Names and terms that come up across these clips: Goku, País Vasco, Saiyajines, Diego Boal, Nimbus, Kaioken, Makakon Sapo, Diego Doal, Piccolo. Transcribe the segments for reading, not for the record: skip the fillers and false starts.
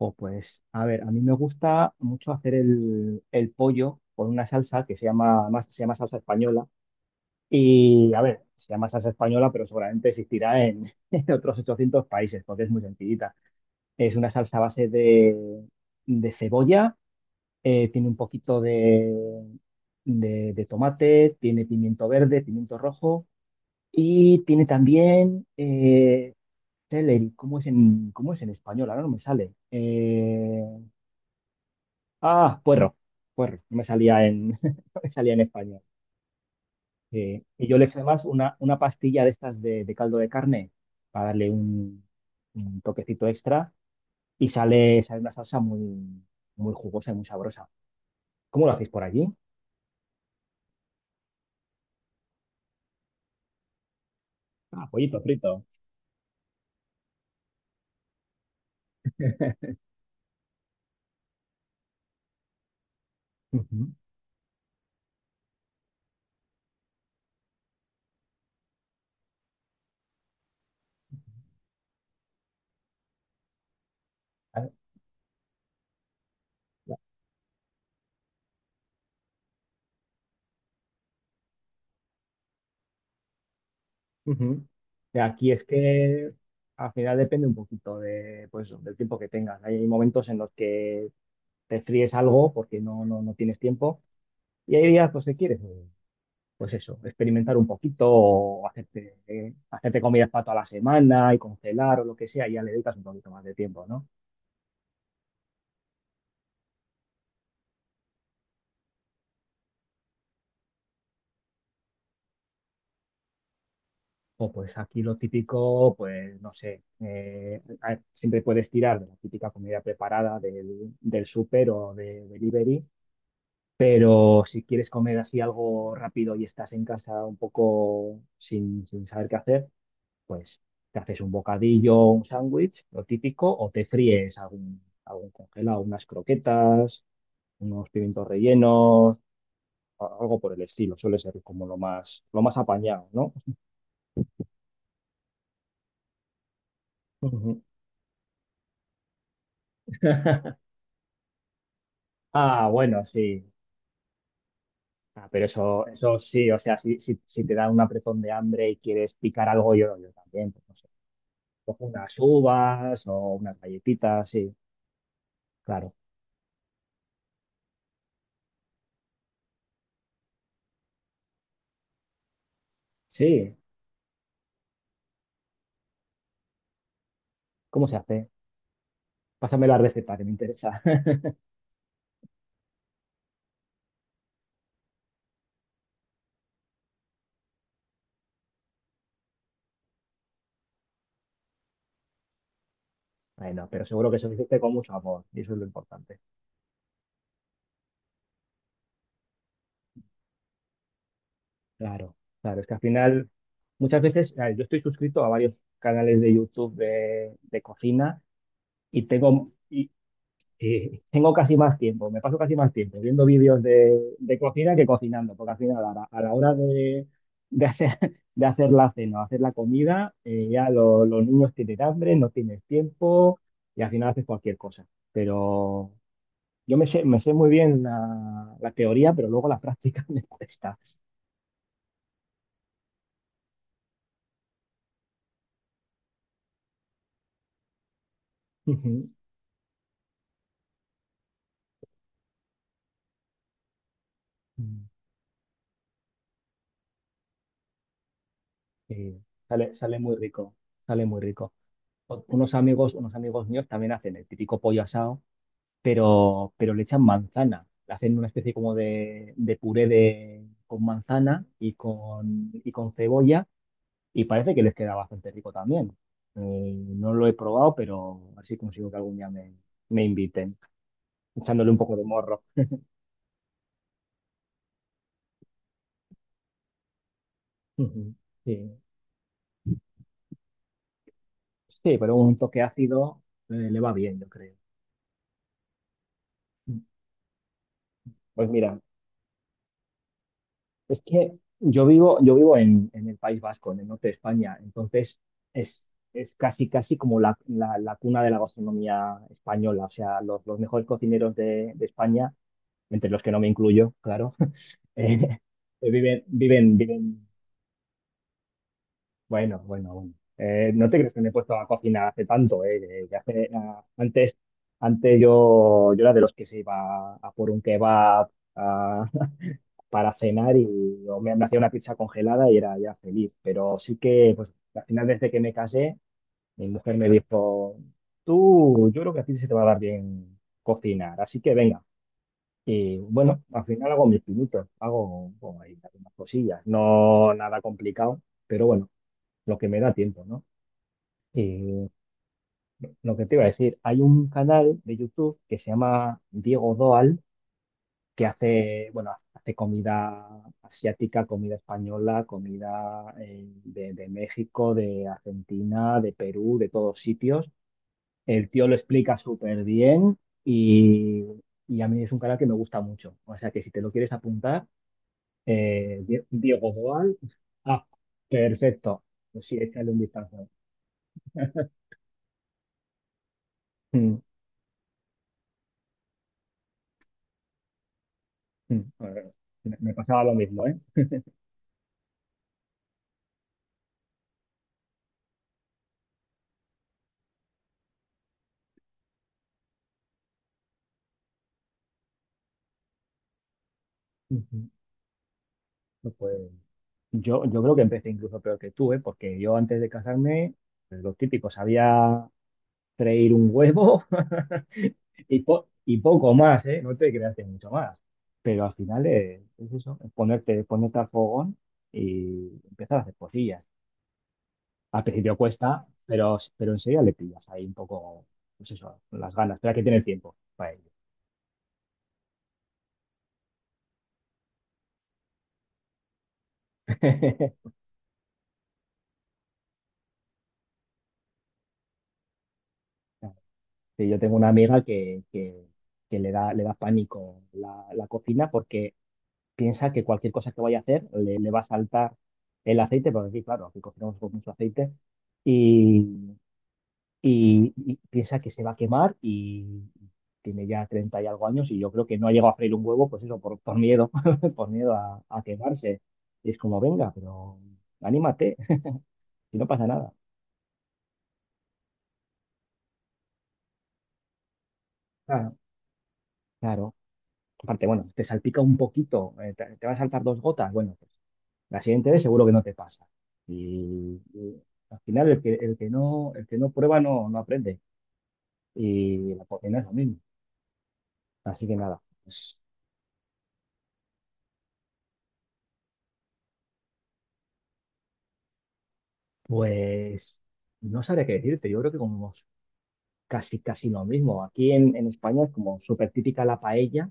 O pues, a ver, a mí me gusta mucho hacer el pollo con una salsa que se llama, además se llama salsa española. Y, a ver, se llama salsa española, pero seguramente existirá en, en otros 800 países, porque es muy sencillita. Es una salsa a base de cebolla, tiene un poquito de tomate, tiene pimiento verde, pimiento rojo y tiene también celery. Cómo es en español? Ahora no me sale. Ah, puerro, puerro, no me salía en, no me salía en español. Y yo le eché además una pastilla de estas de caldo de carne para darle un toquecito extra y sale una salsa muy, muy jugosa y muy sabrosa. ¿Cómo lo hacéis por allí? Ah, pollito frito. Ujú. Ah, ya. Ujú. De aquí es que al final depende un poquito pues, del tiempo que tengas. Hay momentos en los que te fríes algo porque no, no, no tienes tiempo y hay días pues, que quieres, pues eso, experimentar un poquito o hacerte comidas para toda la semana y congelar o lo que sea, y ya le dedicas un poquito más de tiempo, ¿no? O pues aquí lo típico, pues no sé, siempre puedes tirar de la típica comida preparada del súper o de delivery, pero si quieres comer así algo rápido y estás en casa un poco sin saber qué hacer, pues te haces un bocadillo, un sándwich, lo típico, o te fríes algún congelado, unas croquetas unos pimientos rellenos, algo por el estilo, suele ser como lo más apañado, ¿no? Ujú. Ah, bueno, sí. Ah, pero eso sí, o sea, si, si, si te da un apretón de hambre y quieres picar algo, yo también, pues no sé. Cojo unas uvas o unas galletitas, sí, claro. Sí, ¿cómo se hace? Pásame la receta que me interesa. Bueno, pero seguro que se lo hiciste con mucho amor, y eso es lo importante. Claro, claro, es que al final, muchas veces, a ver, yo estoy suscrito a varios canales de YouTube de cocina y tengo casi más tiempo, me paso casi más tiempo viendo vídeos de cocina que cocinando, porque al final a la hora de hacer, de hacer la cena, hacer la comida, ya los niños tienen hambre, no tienes tiempo y al final haces cualquier cosa. Pero yo me sé muy bien la teoría, pero luego la práctica me cuesta. Eh, sale muy rico, sale muy rico. Unos amigos míos también hacen el típico pollo asado, pero le echan manzana. Le hacen una especie como de puré con manzana y con cebolla y parece que les queda bastante rico también. Eh, no lo he probado, pero así consigo que algún día me inviten, echándole un poco de morro. Ujú. Sí, sí, pero un toque ácido, le va bien, yo creo. Pues mira, es que yo vivo en el País Vasco, en el norte de España, entonces es, es casi, casi como la cuna de la gastronomía española. O sea, los mejores cocineros de España, entre los que no me incluyo, claro, eh, viven, viven, viven. Bueno, bueno, bueno. No te crees que me he puesto a cocinar hace tanto, que ah, antes, antes yo era de los que se iba a por un kebab, para cenar y yo me hacía una pizza congelada y era ya feliz. Pero sí que, pues al final desde que me casé, mi mujer me dijo, tú, yo creo que a ti se te va a dar bien cocinar, así que venga. Y bueno, al final hago mis pinitos, hago bueno, ahí algunas cosillas, no nada complicado, pero bueno, lo que me da tiempo, ¿no? Y lo que te iba a decir, hay un canal de YouTube que se llama Diego Doal que hace, bueno, hace comida asiática, comida española, comida, de México, de Argentina, de Perú, de todos sitios. El tío lo explica súper bien y, y a mí es un canal que me gusta mucho. O sea que si te lo quieres apuntar, Diego Boal, ah, perfecto. Pues sí, échale un vistazo. Mm, mm. Eh, me pasaba lo mismo, ¿eh? Ujú. No puede. Yo creo que empecé incluso peor que tú, ¿eh? Porque yo antes de casarme, pues, lo típico, sabía freír un huevo y poco más, ¿eh? No te creas que mucho más. Pero al final, eso, es ponerte al fogón y empezar a hacer cosillas. Al principio cuesta, pero enseguida le pillas ahí un poco, pues eso, las ganas. Espera que tiene tiempo para ello. Sí, yo tengo una amiga que le da pánico la cocina porque piensa que cualquier cosa que vaya a hacer le va a saltar el aceite, porque aquí, claro, aquí cocinamos con mucho aceite, y, y piensa que se va a quemar y tiene ya 30 y algo años y yo creo que no ha llegado a freír un huevo, pues eso, por miedo, por miedo a quemarse. Y es como, venga, pero anímate, y no pasa nada. Claro. Claro. Aparte, bueno, te salpica un poquito, te va a saltar dos gotas, bueno, pues la siguiente vez seguro que no te pasa. Y al final el que no prueba no, no aprende. Y la cocina es lo mismo. Así que nada, pues, pues no sabré qué decirte. Yo creo que como casi, casi lo mismo. Aquí en España es como súper típica la paella,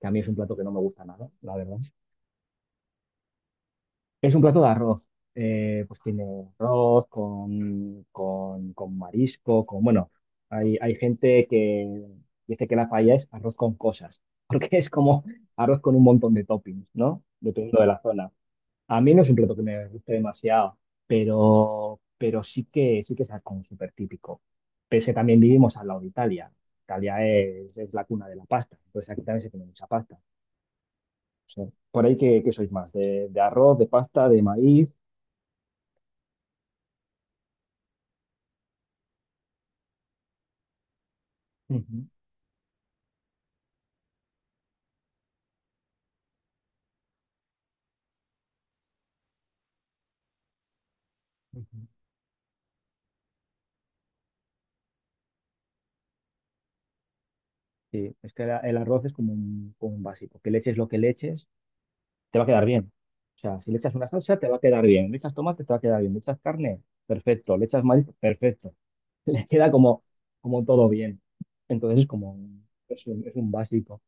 que a mí es un plato que no me gusta nada, la verdad. Es un plato de arroz, pues tiene arroz con marisco, bueno, hay gente que dice que la paella es arroz con cosas, porque es como arroz con un montón de toppings, ¿no? Dependiendo de la zona. A mí no es un plato que me guste demasiado, pero sí que es algo súper típico. Pese que también vivimos al lado de Italia. Italia es la cuna de la pasta, entonces aquí también se tiene mucha pasta. O por ahí que sois más, de arroz, de pasta, de maíz. Ujú, ujú. Sí, es que el arroz es como un, básico. Que le eches lo que le eches, te va a quedar bien. O sea, si le echas una salsa, te va a quedar bien. Le echas tomate, te va a quedar bien. Le echas carne, perfecto. Le echas maíz, perfecto. Le queda como todo bien. Entonces es como un- es un, es un básico.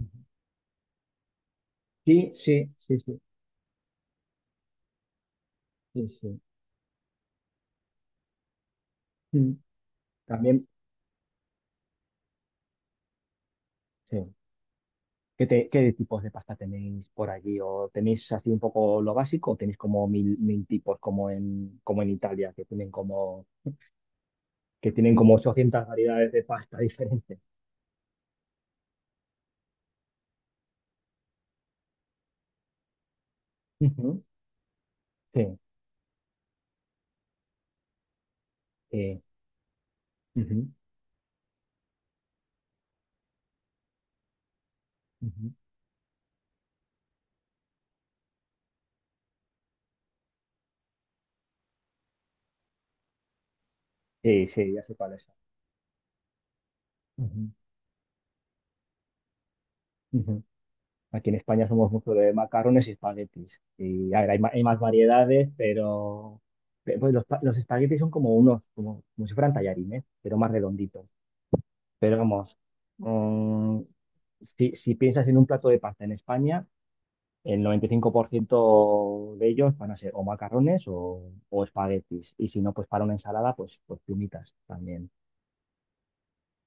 Ujú. Sí, sí, sí, sí, sí, sí. Mm. También, sí. Qué tipos de pasta tenéis por allí? ¿O tenéis así un poco lo básico? ¿O tenéis como mil tipos como en Italia, que tienen como 800 variedades de pasta diferentes? Ujú. Sí, sí, ujú, ujú, sí, sí, ya sé cuál es. Ujú, ujú. Aquí en España somos mucho de macarrones y espaguetis. Y a ver, hay más variedades, pero pues los espaguetis son como unos, como si fueran tallarines, ¿eh?, pero más redonditos. Pero vamos, mm, si, si piensas en un plato de pasta en España, el 95% de ellos van a ser o macarrones o espaguetis. Y si no, pues para una ensalada, pues, pues plumitas también.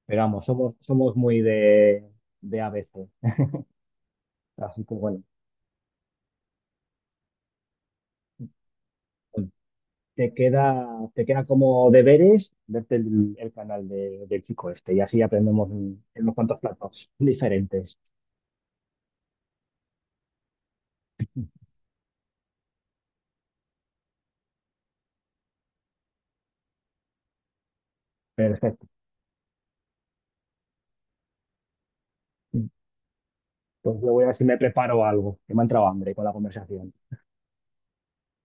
Pero vamos, somos muy de A B C. Así que bueno, pues, te queda, te queda como deberes verte el canal del chico este. Y así aprendemos unos cuantos platos diferentes. Perfecto. Pues yo voy a ver si me preparo algo, que me ha entrado hambre con la conversación.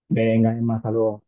Venga, Emma, hasta luego.